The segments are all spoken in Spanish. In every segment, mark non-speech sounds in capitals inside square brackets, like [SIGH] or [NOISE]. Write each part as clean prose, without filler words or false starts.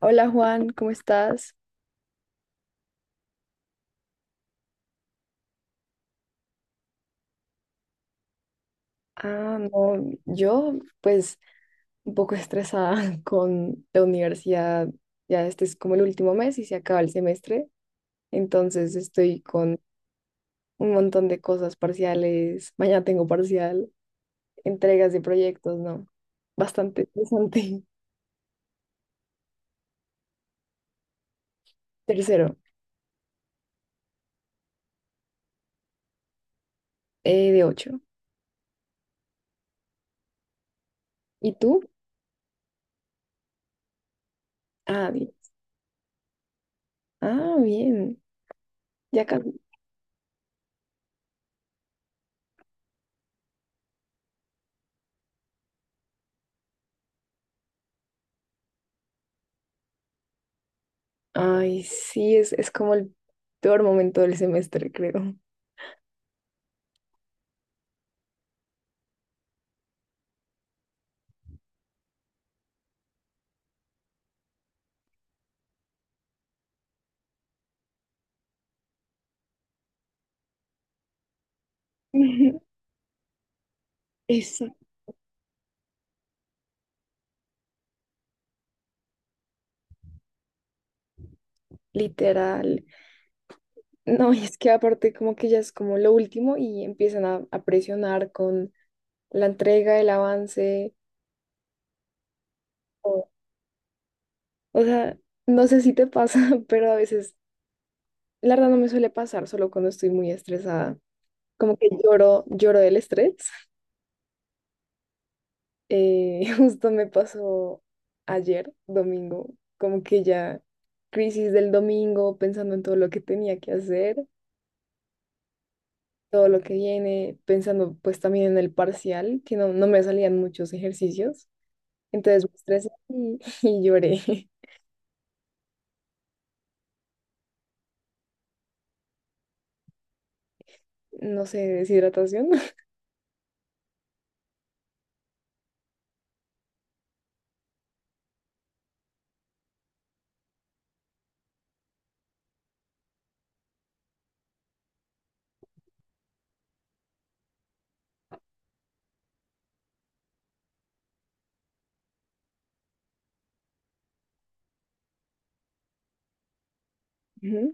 Hola Juan, ¿cómo estás? Ah, no, yo pues un poco estresada [LAUGHS] con la universidad. Ya este es como el último mes y se acaba el semestre, entonces estoy con un montón de cosas parciales. Mañana tengo parcial, entregas de proyectos, ¿no? Bastante interesante. [LAUGHS] Tercero, de ocho. ¿Y tú? Ah, bien. Ah, bien. Ya casi. Ay, sí, es como el peor momento del semestre, creo. [LAUGHS] Eso. Literal. No, y es que aparte como que ya es como lo último y empiezan a presionar con la entrega, el avance. O, o sea, no sé si te pasa, [LAUGHS] pero a veces, la verdad no me suele pasar, solo cuando estoy muy estresada. Como que lloro, lloro del estrés. [LAUGHS] Justo me pasó ayer, domingo, como que ya crisis del domingo, pensando en todo lo que tenía que hacer. Todo lo que viene, pensando pues también en el parcial, que no, no me salían muchos ejercicios. Entonces me estresé [LAUGHS] y lloré. No sé, deshidratación. [LAUGHS] Ujú.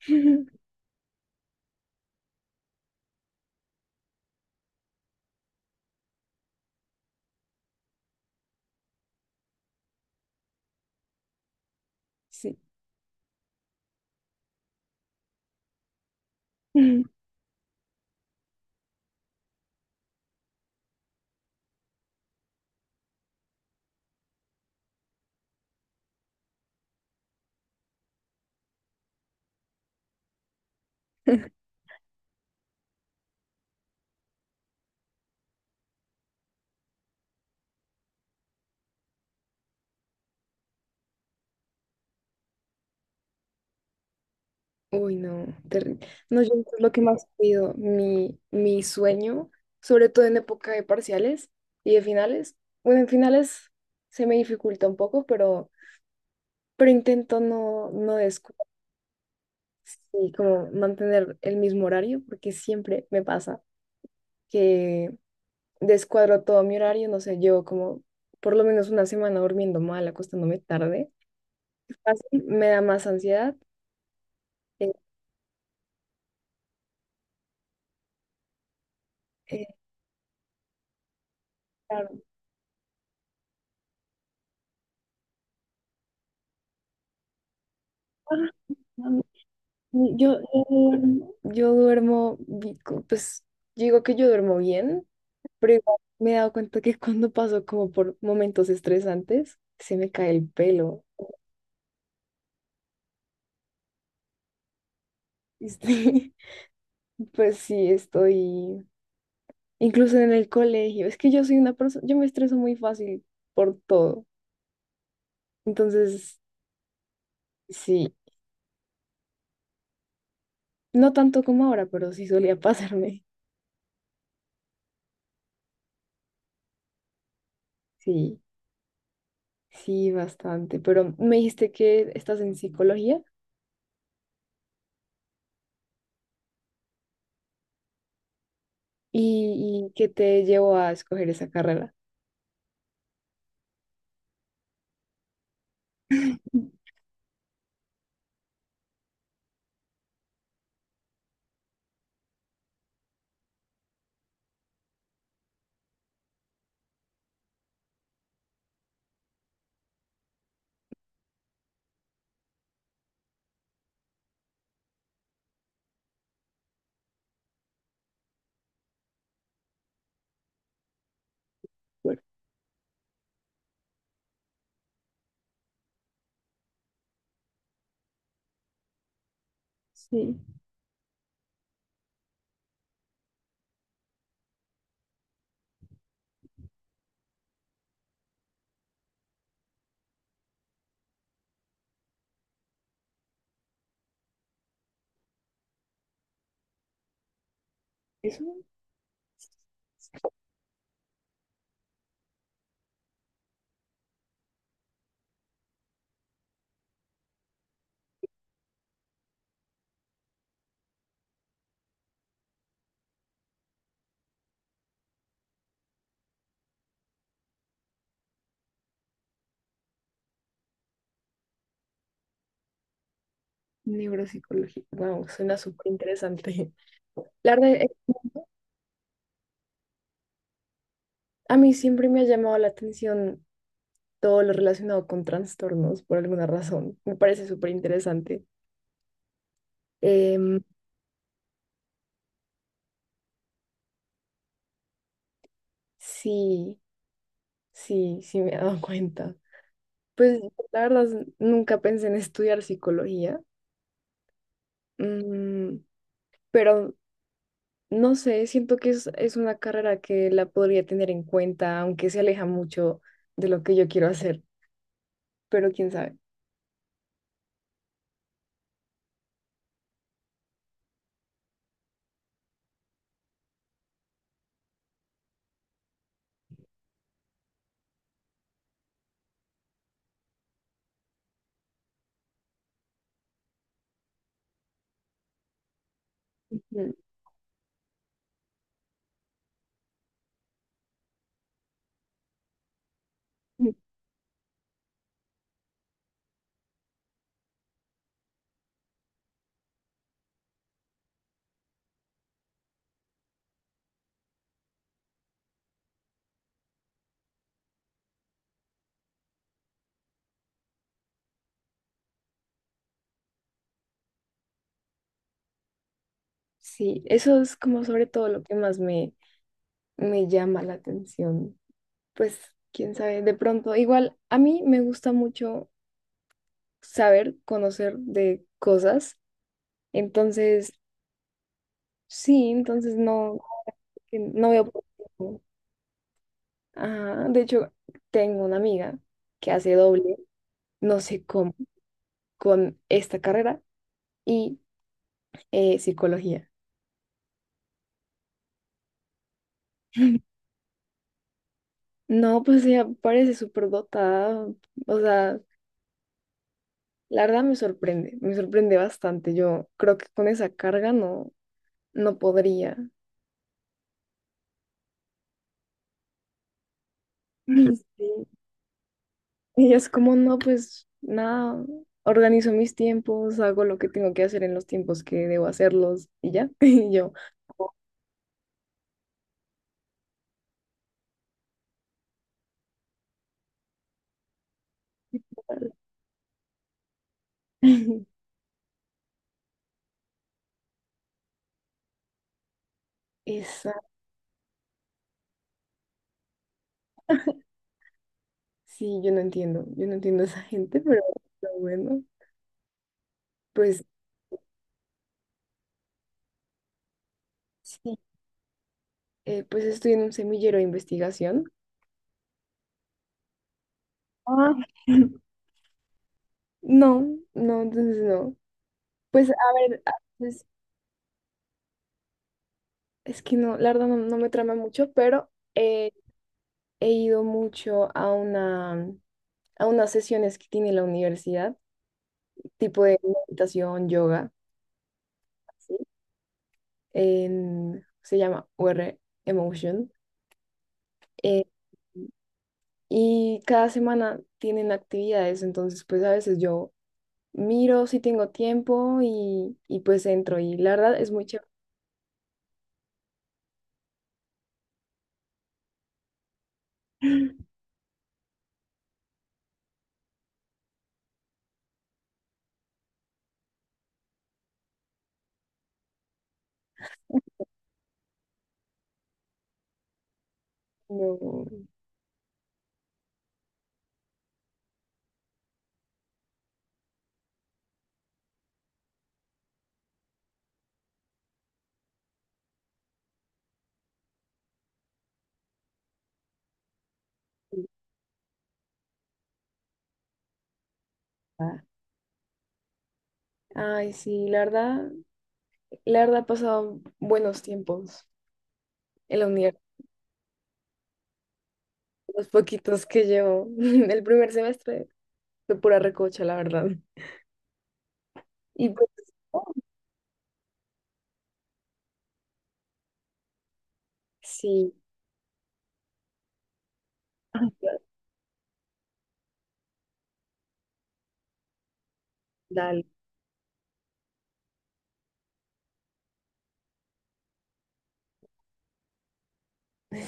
[LAUGHS] Sí. [LAUGHS] Uy, no, terrible. No, yo es lo que más pido, mi sueño, sobre todo en época de parciales y de finales. Bueno, en finales se me dificulta un poco, pero intento no descuidar y como mantener el mismo horario, porque siempre me pasa. Que descuadro todo mi horario, no sé, llevo como por lo menos una semana durmiendo mal, acostándome tarde. Es fácil, me da más ansiedad. eh, eh, claro. Ah, mm, yo pues yo digo que yo duermo bien, pero igual me he dado cuenta que cuando paso como por momentos estresantes, se me cae el pelo. Este, [LAUGHS] pues sí, estoy incluso en el colegio. Es que yo soy una persona, yo me estreso muy fácil por todo. Entonces, sí, no tanto como ahora, pero sí solía [LAUGHS] pasarme. Sí, sí, bastante. Pero me dijiste que estás en psicología y que te llevó a escoger esa carrera. Bueno, sí, eso, neuropsicología. Wow, suena súper interesante. [LAUGHS] La verdad, a mí siempre me ha llamado la atención todo lo relacionado con trastornos, por alguna razón. Me parece súper interesante. Em, sí, sí, sí, me he dado cuenta. Pues la verdad nunca pensé en estudiar psicología, mm, pero no sé, siento que es una carrera que la podría tener en cuenta, aunque se aleja mucho de lo que yo quiero hacer, pero quién sabe. Mm, mm, sí, eso es como sobre todo lo que más me, me llama la atención. Pues quién sabe, de pronto, igual a mí me gusta mucho saber, conocer de cosas, entonces sí, entonces no, no veo por qué no. Ajá, de hecho, tengo una amiga que hace doble, no sé cómo, con esta carrera y psicología. [LAUGHS] No, pues ella parece súper dotada. O sea, la verdad me sorprende bastante. Yo creo que con esa carga no, no podría. [LAUGHS] Sí. Ella es como, no, pues nada, organizo mis tiempos, hago lo que tengo que hacer en los tiempos que debo hacerlos y ya. [LAUGHS] Y yo, oh, [LAUGHS] eso. Sí, yo no entiendo a esa gente, pero bueno, pues sí, pues estoy en un semillero de investigación. Ah. [LAUGHS] No, no, entonces no. Pues a ver, a veces, es que no, la verdad no, no me trama mucho, pero eh, he ido mucho a una, a unas sesiones que tiene la universidad, tipo de meditación, yoga, así, se llama UR Emotion. eh, y cada semana tienen actividades, entonces pues a veces yo miro si tengo tiempo y pues entro y la verdad es muy chévere. No, ah, ay, sí, la verdad he pasado buenos tiempos en la universidad, los poquitos que llevo. [LAUGHS] El primer semestre fue pura recocha, la verdad. Y pues sí, dale.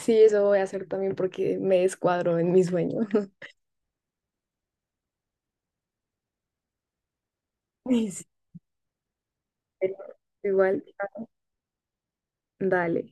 Sí, eso voy a hacer también porque me descuadro en mi sueño. [LAUGHS] Sí, pero igual, dale.